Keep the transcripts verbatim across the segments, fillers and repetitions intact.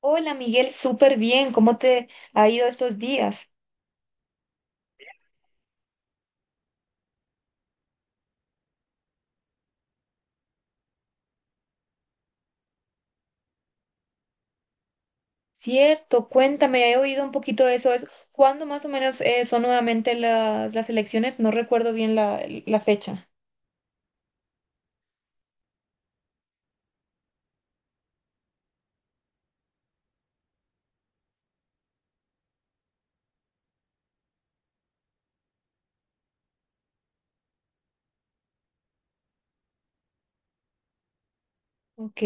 Hola Miguel, súper bien. ¿Cómo te ha ido estos días? Cierto, cuéntame, he oído un poquito de eso. es- ¿Cuándo más o menos eh, son nuevamente las, las elecciones? No recuerdo bien la, la fecha. Ok,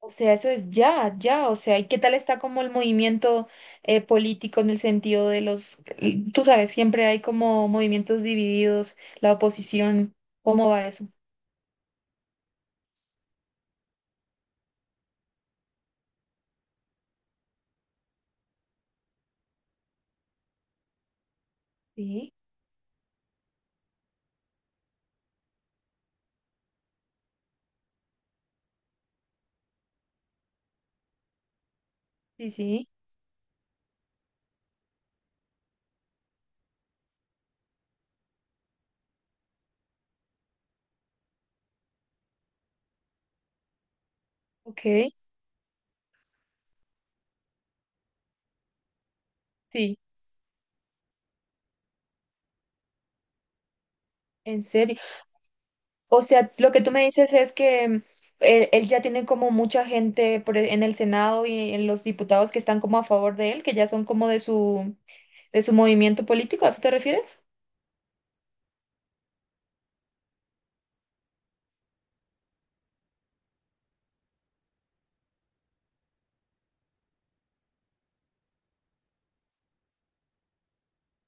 o sea, eso es ya, ya, o sea, ¿y qué tal está como el movimiento eh, político en el sentido de los, tú sabes, siempre hay como movimientos divididos, la oposición, ¿cómo va eso? Sí, sí, sí, ok, sí, en serio. O sea, lo que tú me dices es que él, él ya tiene como mucha gente por e- en el Senado y en los diputados que están como a favor de él, que ya son como de su de su movimiento político, ¿a eso te refieres?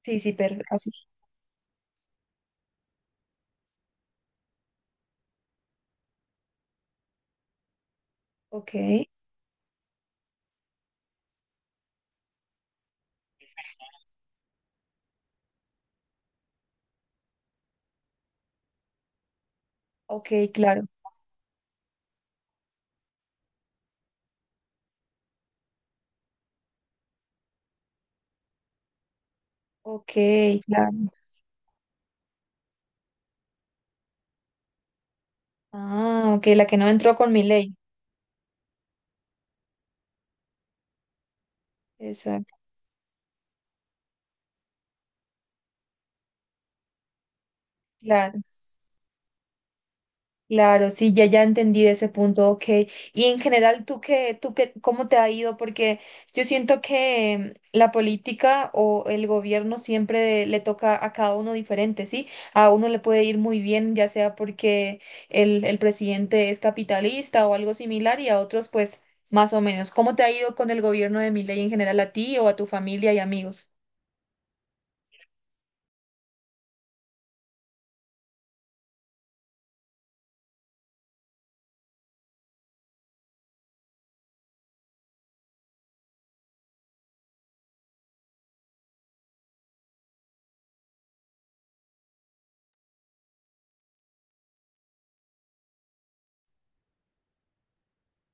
Sí, sí, pero así. Ok, ok, claro. Ok, claro. Ah, ok, la que no entró con mi ley. Exacto, claro. Claro, sí, ya ya entendí ese punto, ok. Y en general, ¿tú qué, tú qué, ¿cómo te ha ido? Porque yo siento que la política o el gobierno siempre le toca a cada uno diferente, ¿sí? A uno le puede ir muy bien, ya sea porque el, el presidente es capitalista o algo similar, y a otros, pues, más o menos. ¿Cómo te ha ido con el gobierno de Milei en general a ti o a tu familia y amigos?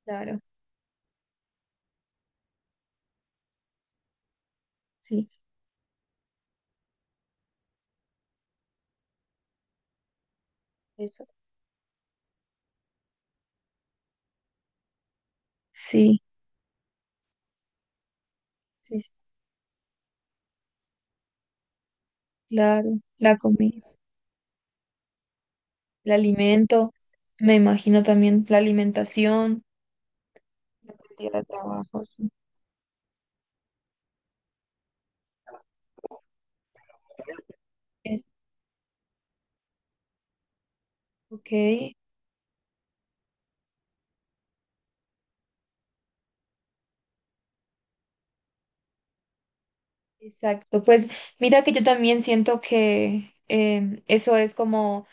Claro, sí, eso. Sí, sí, sí, claro, la comida. El alimento, me imagino también la alimentación, la cantidad de trabajos, ¿no? Es, ok, exacto. Pues mira que yo también siento que em, eso es como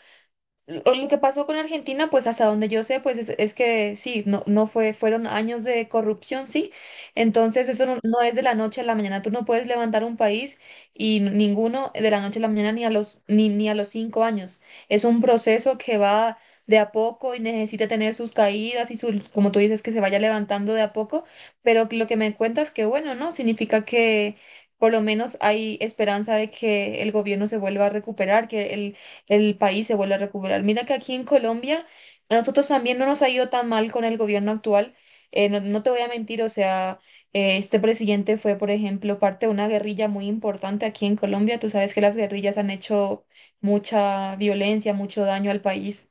lo lo que pasó con Argentina, pues hasta donde yo sé, pues es, es que sí, no, no fue, fueron años de corrupción, sí. Entonces eso no, no es de la noche a la mañana. Tú no puedes levantar un país y n- ninguno de la noche a la mañana ni a los, ni, ni a los cinco años. Es un proceso que va de a poco y necesita tener sus caídas y sus, como tú dices, que se vaya levantando de a poco. Pero lo que me cuentas, que bueno, ¿no? Significa que por lo menos hay esperanza de que el gobierno se vuelva a recuperar, que el el país se vuelve a recuperar. Mira que aquí en Colombia a nosotros también no nos ha ido tan mal con el gobierno actual. Eh, no, no te voy a mentir, o sea, eh, este presidente fue, por ejemplo, parte de una guerrilla muy importante aquí en Colombia. Tú sabes que las guerrillas han hecho mucha violencia, mucho daño al país.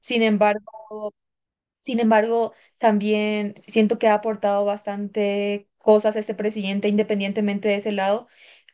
Sin embargo, sin embargo, también siento que ha aportado bastante cosas ese presidente, independientemente de ese lado.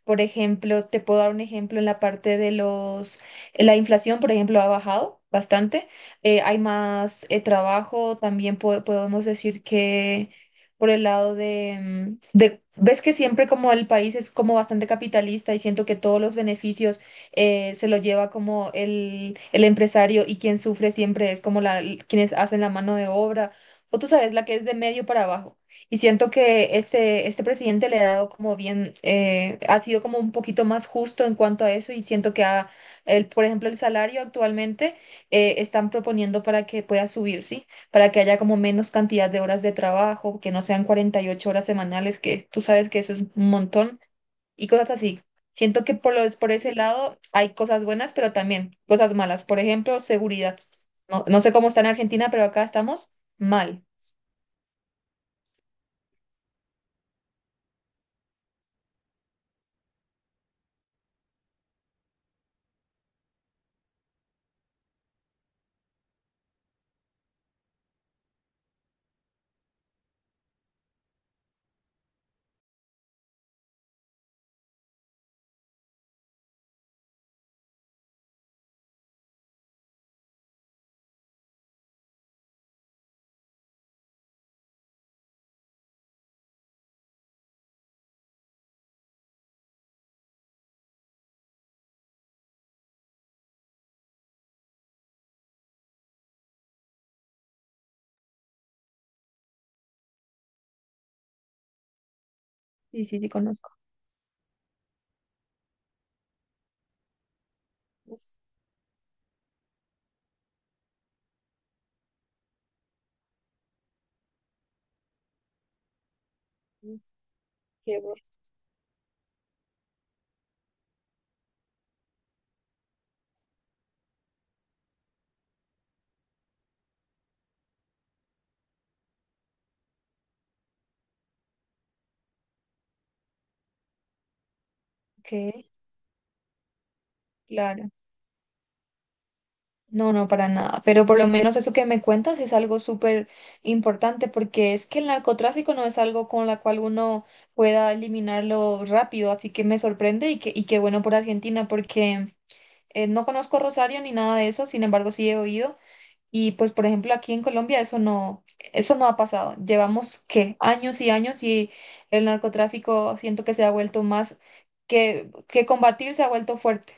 Por ejemplo, te puedo dar un ejemplo en la parte de los, eh, la inflación, por ejemplo, ha bajado bastante. Eh, hay más eh, trabajo. También po- podemos decir que por el lado de, mm, de, ves que siempre como el país es como bastante capitalista y siento que todos los beneficios eh, se lo lleva como el, el empresario y quien sufre siempre es como la, l- quienes hacen la mano de obra, o tú sabes, la que es de medio para abajo. Y siento que este, este presidente le ha dado como bien, eh, ha sido como un poquito más justo en cuanto a eso y siento que ha, el, por ejemplo, el salario actualmente eh, están proponiendo para que pueda subir, ¿sí? Para que haya como menos cantidad de horas de trabajo, que no sean cuarenta y ocho horas semanales, que tú sabes que eso es un montón y cosas así. Siento que por los, por ese lado hay cosas buenas, pero también cosas malas. Por ejemplo, seguridad. No, no sé cómo está en Argentina, pero acá estamos mal. Sí, sí, sí, conozco. Uf, uf, qué bueno. Ok, claro. No, no, para nada. Pero por lo menos eso que me cuentas es algo súper importante porque es que el narcotráfico no es algo con la cual uno pueda eliminarlo rápido. Así que me sorprende y que, y qué bueno por Argentina porque eh, no conozco Rosario ni nada de eso. Sin embargo, sí he oído. Y pues, por ejemplo, aquí en Colombia eso no, eso no ha pasado. Llevamos ¿qué? Años y años y el narcotráfico siento que se ha vuelto más que, que combatir se ha vuelto fuerte,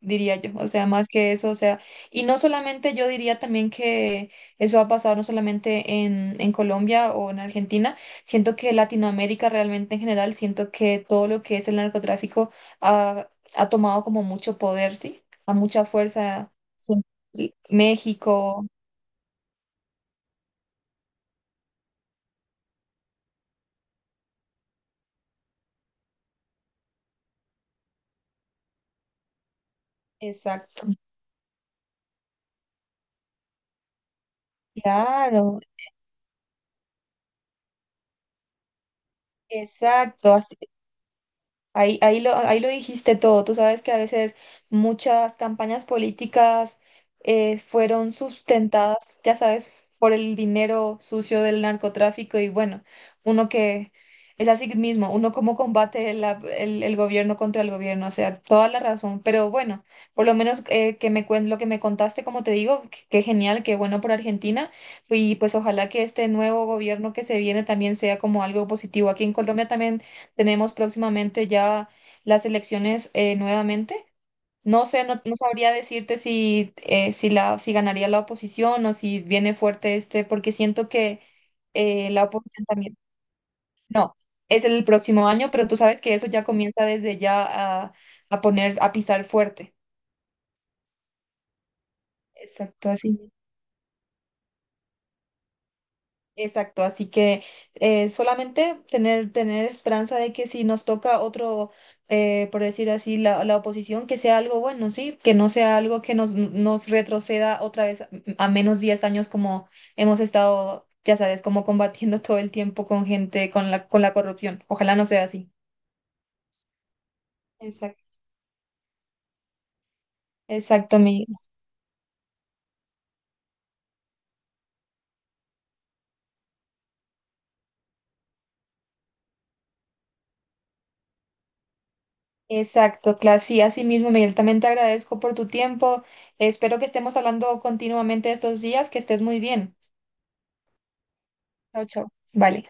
diría yo. O sea, más que eso, o sea, y no solamente yo diría también que eso ha pasado no solamente en, en Colombia o en Argentina, siento que Latinoamérica realmente en general, siento que todo lo que es el narcotráfico ha, ha tomado como mucho poder, ¿sí? A mucha fuerza. Sí, México. Exacto, claro, exacto. Ahí, ahí lo, ahí lo dijiste todo. Tú sabes que a veces muchas campañas políticas eh, fueron sustentadas, ya sabes, por el dinero sucio del narcotráfico y bueno, uno que es así mismo, uno cómo combate la- el, el gobierno contra el gobierno, o sea, toda la razón. Pero bueno, por lo menos eh, que me cuen- lo que me contaste, como te digo, qué qué genial, qué bueno por Argentina y pues ojalá que este nuevo gobierno que se viene también sea como algo positivo. Aquí en Colombia también. Tenemos próximamente ya las elecciones eh, nuevamente. No sé, no, no sabría decirte si, eh, si, la, si ganaría la oposición o si viene fuerte este, porque siento que eh, la oposición también. No, es el próximo año, pero tú sabes que eso ya comienza desde ya a, a poner, a pisar fuerte. Exacto, así. Exacto, así que eh, solamente tener, tener esperanza de que si nos toca otro, eh, por decir así, la, la oposición, que sea algo bueno, ¿sí? Que no sea algo que nos, nos retroceda otra vez a a menos diez años como hemos estado, ya sabes, como combatiendo todo el tiempo con gente, con la, con la corrupción. Ojalá no sea así. Exacto. Exacto, Miguel. Exacto, Clas. Sí, así mismo, Miguel. También te agradezco por tu tiempo. Espero que estemos hablando continuamente estos días. Que estés muy bien. Chao, chao. Vale.